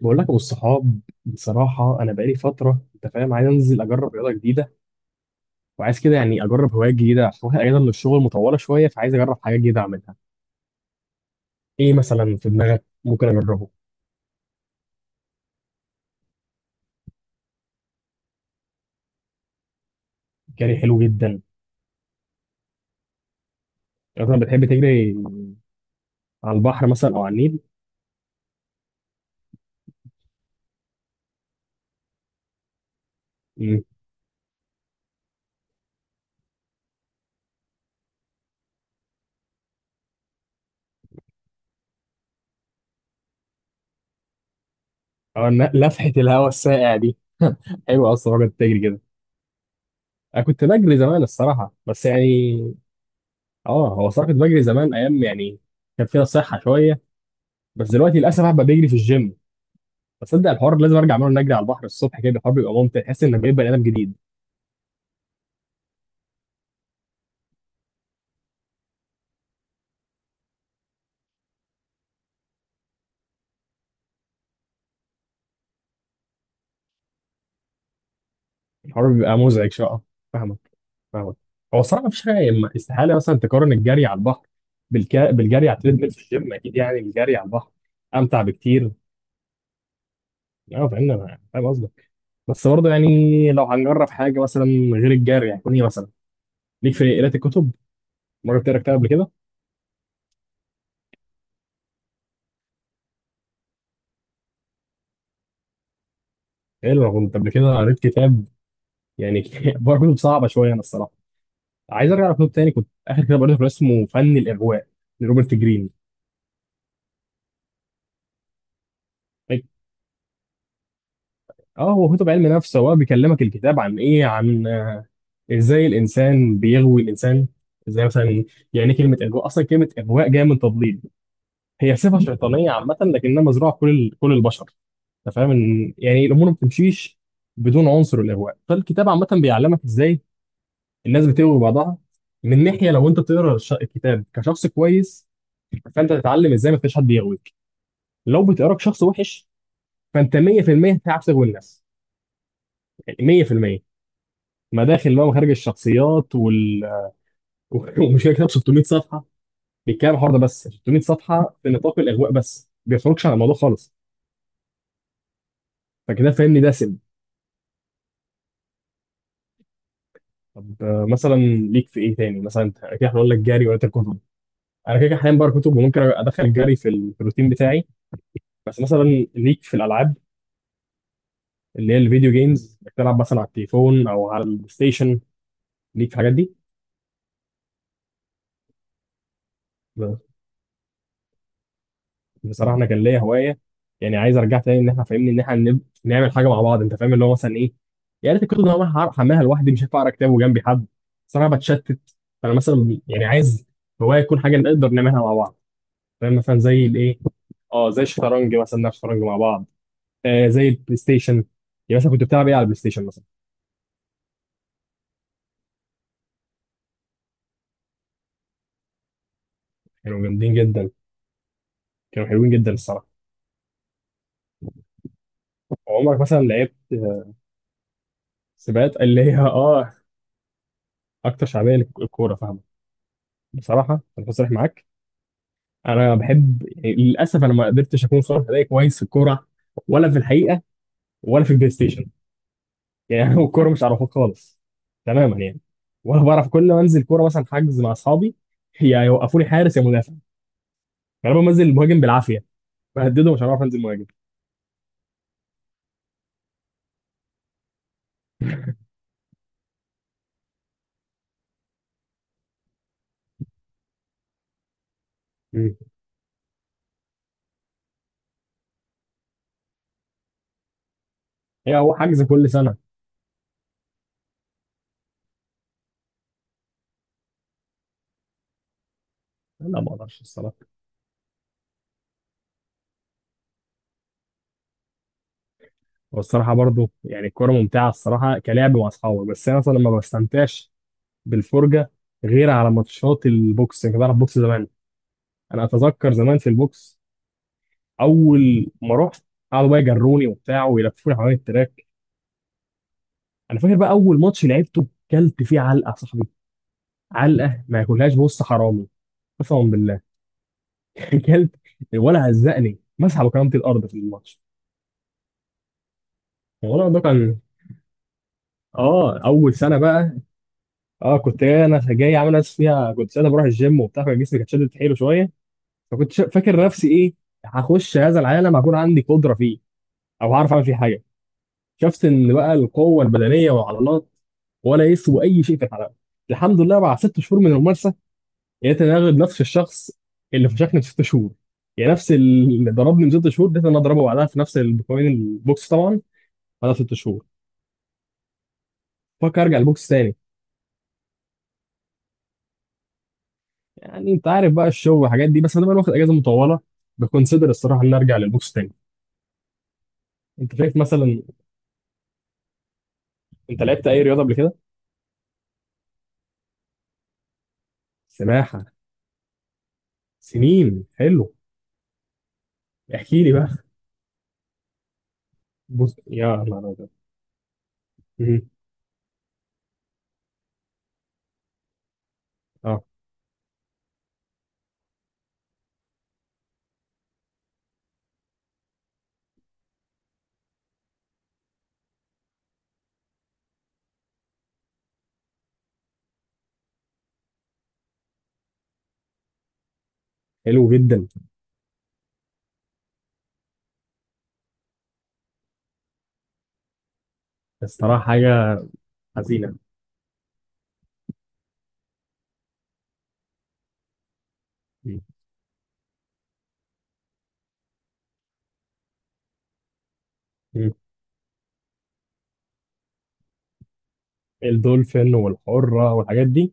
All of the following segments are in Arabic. بقول لك ابو الصحاب، بصراحه انا بقالي فتره، انت فاهم، عايز انزل اجرب رياضه جديده، وعايز كده يعني اجرب هوايه جديده، عشان واخد اجازه من الشغل مطوله شويه، فعايز اجرب حاجات جديده اعملها. ايه مثلا في دماغك ممكن اجربه؟ جري حلو جدا. مثلا بتحب تجري على البحر مثلا او على النيل؟ مم. او لفحه الهواء الساقع دي حلوه اصلا الراجل تجري كده. انا كنت بجري زمان الصراحه، بس يعني، اه هو صراحه كنت بجري زمان، ايام يعني كان فيها صحه شويه، بس دلوقتي للاسف بقى بجري في الجيم. تصدق الحوار لازم ارجع اعمله، نجري على البحر الصبح كده، الحوار بيبقى ممتع، تحس انك بقيت بني ادم جديد. الحوار بيبقى مزعج شويه، آه. فاهمك. فاهمك. هو الصراحه مفيش حاجه، استحاله مثلا تقارن الجري على البحر بالجري على التريدميل في الجيم، اكيد يعني الجري على البحر امتع بكتير. اه فاهمني، انا فاهم قصدك، بس برضه يعني لو هنجرب حاجه مثلا غير الجري، هيكون ايه مثلا؟ ليك في قراءه الكتب؟ مره بتقرا كتاب قبل كده؟ حلو. انا كنت قبل كده قريت كتاب يعني برضه كتب صعبه شويه انا الصراحه. عايز ارجع لكتاب تاني، كنت اخر كتاب قريته كان اسمه فن الاغواء لروبرت جرين. طيب، اه هو كتب علم نفس، هو بيكلمك الكتاب عن ايه؟ عن آه، ازاي الانسان بيغوي الانسان. ازاي مثلا؟ يعني ايه كلمه اغواء؟ اصلا كلمه اغواء جايه من تضليل، هي صفه شيطانيه عامه لكنها مزروعه في كل كل البشر. انت فاهم ان يعني الامور ما بتمشيش بدون عنصر الاغواء، فالكتاب عامه بيعلمك ازاي الناس بتغوي بعضها. من ناحيه لو انت تقرا الكتاب كشخص كويس، فانت تتعلم ازاي ما فيش حد يغوي، لو بتقراك شخص وحش فانت 100% هتعرف تغوي الناس، يعني 100%. مداخل بقى ومخارج الشخصيات ومشكله، كتاب 600 صفحه بيتكلم عن الحوار ده بس، 600 صفحه في نطاق الاغواء بس ما بيخرجش عن الموضوع خالص. فكده فاهمني، دسم. طب آه، مثلا ليك في ايه تاني؟ مثلا انت كده هنقول لك جري ولا كتب؟ انا كده كده حاليا بقرا كتب، وممكن ادخل الجري في في الروتين بتاعي. بس مثلا ليك في الالعاب اللي هي الفيديو جيمز؟ بتلعب مثلا على التليفون او على البلاي ستيشن؟ ليك في الحاجات دي؟ بصراحه انا كان ليا هوايه، يعني عايز ارجع تاني ان احنا، فاهمني ان احنا نعمل حاجه مع بعض، انت فاهم، اللي هو مثلا ايه، يا ريت. الكتب اللي انا هعرف احملها لوحدي، مش هينفع اقرا كتاب وجنبي حد، صراحه بتشتت. فانا مثلا يعني عايز هوايه تكون حاجه نقدر نعملها مع بعض، فاهم مثلا زي الايه؟ اه زي الشطرنج مثلا نلعب شطرنج مع بعض، آه زي البلاي ستيشن. يعني مثلا كنت بتلعب ايه على البلاي ستيشن مثلا؟ كانوا جامدين جدا، كانوا حلوين جدا الصراحه. عمرك مثلا لعبت؟ سباقات اللي هي، اه اكتر شعبيه للكوره، فاهمه. بصراحه انا بصريح معاك، انا بحب يعني، للاسف انا ما قدرتش اكون صالح، اداء كويس في الكوره ولا في الحقيقه ولا في البلاي ستيشن يعني أنا الكوره مش عارفها خالص تماما يعني، ولا بعرف. كل ما انزل كوره مثلا حجز مع اصحابي يا يوقفوني حارس يا مدافع، غالبا بنزل مهاجم بالعافيه، بهدده، مش هعرف انزل مهاجم. مم. هي هو حجز كل سنه؟ لا ما اقدرش الصراحه. والصراحه برضو يعني الكوره ممتعه الصراحه، كلعب مع اصحابي، بس انا مثلا ما بستمتعش بالفرجه. غير على ماتشات البوكس، يعني كنت بلعب بوكس زمان. انا اتذكر زمان في البوكس، اول ما رحت قعدوا بقى يجروني وبتاع ويلفوني حوالين التراك. انا فاكر بقى اول ماتش لعبته كلت فيه علقه يا صاحبي، علقه ما ياكلهاش بص حرامي، قسما بالله كلت، ولا هزقني، مسح بكرامتي الارض في الماتش. والله ده كان، اه اول سنه بقى، اه كنت جاي، انا جاي عامل نفسي فيها، كنت ساعتها بروح الجيم وبتاع، فجسمي كان شادد حيله شويه. فكنت فاكر نفسي ايه، هخش هذا العالم، هكون عندي قدره فيه او هعرف اعمل فيه حاجه. شفت اللي بقى، القوه البدنيه والعضلات ولا يسوى اي شيء في الحلبه. الحمد لله، بعد 6 شهور من الممارسه لقيت انا اغلب نفس الشخص اللي فشخني في 6 شهور، يعني نفس اللي ضربني من 6 شهور لقيت انا اضربه بعدها في نفس البقوانين البوكس طبعا، بعدها 6 شهور. فكر ارجع البوكس تاني، يعني انت عارف بقى الشغل والحاجات دي، بس انا بقى واخد اجازه مطوله، بكونسيدر الصراحه ان ارجع للبوكس تاني. انت شايف مثلا، انت لعبت اي رياضه قبل كده؟ سباحه؟ سنين؟ حلو. احكي لي بقى. بص يا نهار ابيض. مهم. اه. حلو جدا. الصراحة حاجة حزينة. مم. مم. الدولفين والحرة والحاجات دي.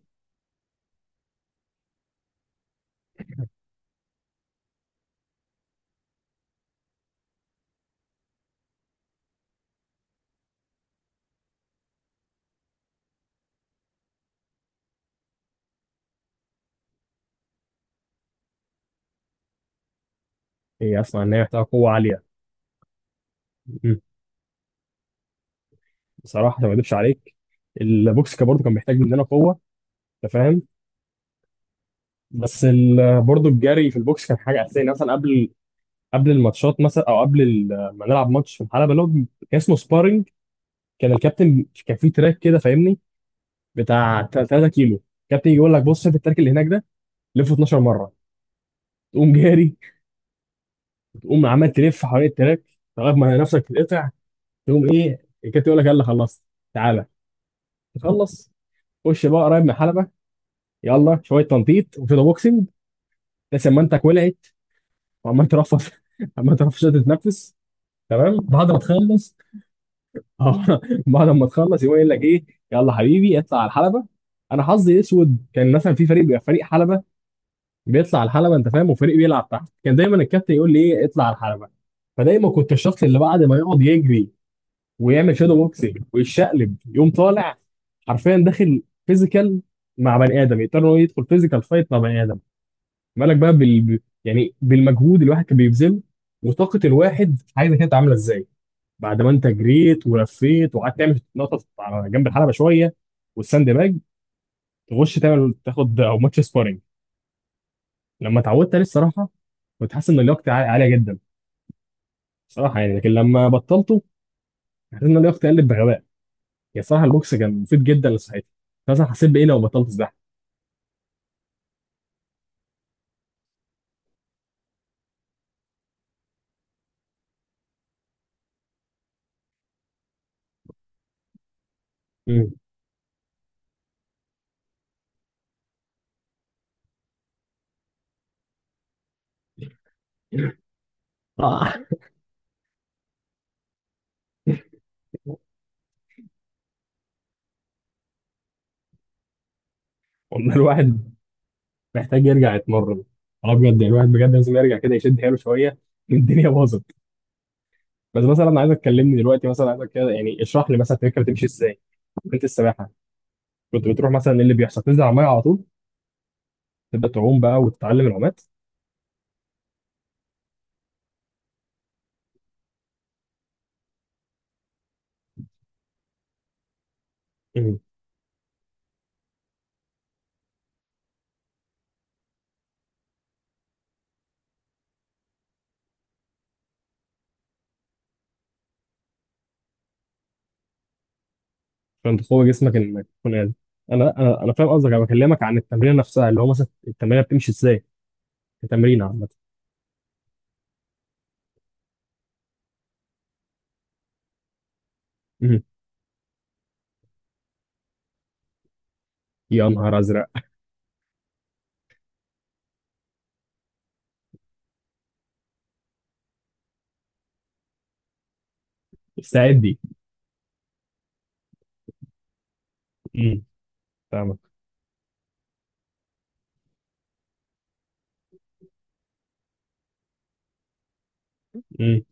هي أسمع إن هي محتاجة قوة عالية. مم. بصراحة عشان ما أكدبش عليك، البوكس كان برضه كان بيحتاج مننا قوة، أنت فاهم، بس برضه الجري في البوكس كان حاجة أساسية، يعني مثلا قبل الماتشات مثلا، أو قبل ما نلعب ماتش في الحلبة اللي هو كان اسمه سبارينج. كان الكابتن كان فيه تراك كده، فاهمني، بتاع 3 كيلو. الكابتن يجي يقول لك بص شايف التراك اللي هناك ده؟ لفه 12 مرة. تقوم جاري، تقوم عمال تلف حوالين التراك لغاية ما نفسك تتقطع. تقوم ايه، الكابتن يقول لك يلا خلصت، تعالى. تخلص، خش بقى قريب من الحلبه، يلا شويه تنطيط وشويه بوكسنج، بس امانتك ولعت وعمال ترفض عمال ترفض عشان تتنفس. تمام. بعد ما تخلص، اه بعد ما تخلص يقوم يقول لك ايه، يلا حبيبي اطلع على الحلبه. انا حظي اسود، كان مثلا في فريق بيبقى فريق حلبه بيطلع على الحلبه، انت فاهم، وفريق بيلعب تحت، كان دايما الكابتن يقول لي ايه اطلع على الحلبه. فدايما كنت الشخص اللي بعد ما يقعد يجري ويعمل شادو بوكسنج ويتشقلب يقوم طالع، حرفيا داخل فيزيكال مع بني ادم، يضطر إن هو يدخل فيزيكال فايت مع بني ادم. مالك بقى يعني بالمجهود الواحد كان بيبذله، وطاقه الواحد عايزه كانت عامله ازاي، بعد ما انت جريت ولفيت وقعدت تعمل نقطه على جنب الحلبه شويه والساند باج، تخش تعمل تاخد او ماتش سبارنج. لما اتعودت عليه الصراحه كنت حاسس ان لياقتي عاليه جدا صراحه يعني، لكن لما بطلته حسيت ان لياقتي قلت بغباء، يا صراحه البوكس كان مفيد جدا لصحتي. مثلا حسيت بايه لو بطلت الزحمه؟ مم. اه والله الواحد محتاج يرجع يتمرن، اه بجد يعني الواحد بجد لازم يرجع كده يشد حيله شويه، الدنيا باظت. بس مثلا عايزك تكلمني دلوقتي، مثلا عايزك كده يعني اشرح لي مثلا الفكره بتمشي ازاي؟ انت السباحه كنت بتروح مثلا ايه اللي بيحصل؟ تنزل على الميه على طول تبدا تعوم بقى وتتعلم العومات؟ مم. عشان تقوي جسمك انك تكون قادر. انا فاهم قصدك، انا بكلمك عن التمرين نفسها، اللي هو مثلا التمرين بتمشي ازاي، التمرين عامه. مم. يا نهار ازرق. استعدي. فاهمك. مم.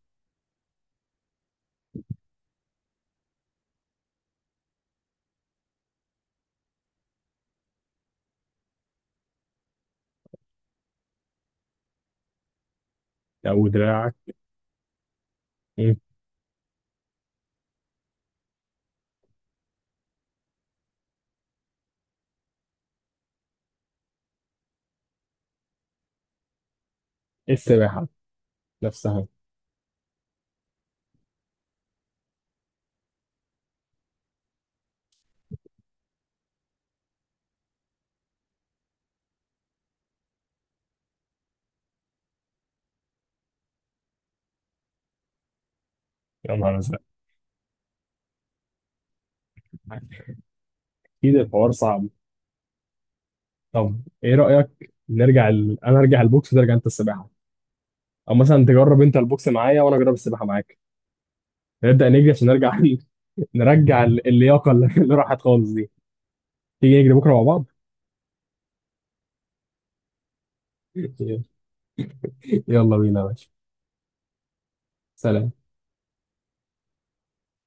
او دراعك. مم. السباحه نفسها. يا نهار ازرق. اكيد الحوار صعب. طب ايه رايك، نرجع انا ارجع البوكس وترجع انت السباحه، او مثلا تجرب انت البوكس معايا وانا اجرب السباحه معاك؟ نبدا نجري عشان نرجع نرجع اللياقه اللي اللي راحت خالص دي. تيجي نجري بكره مع بعض؟ يلا بينا يا باشا. سلام.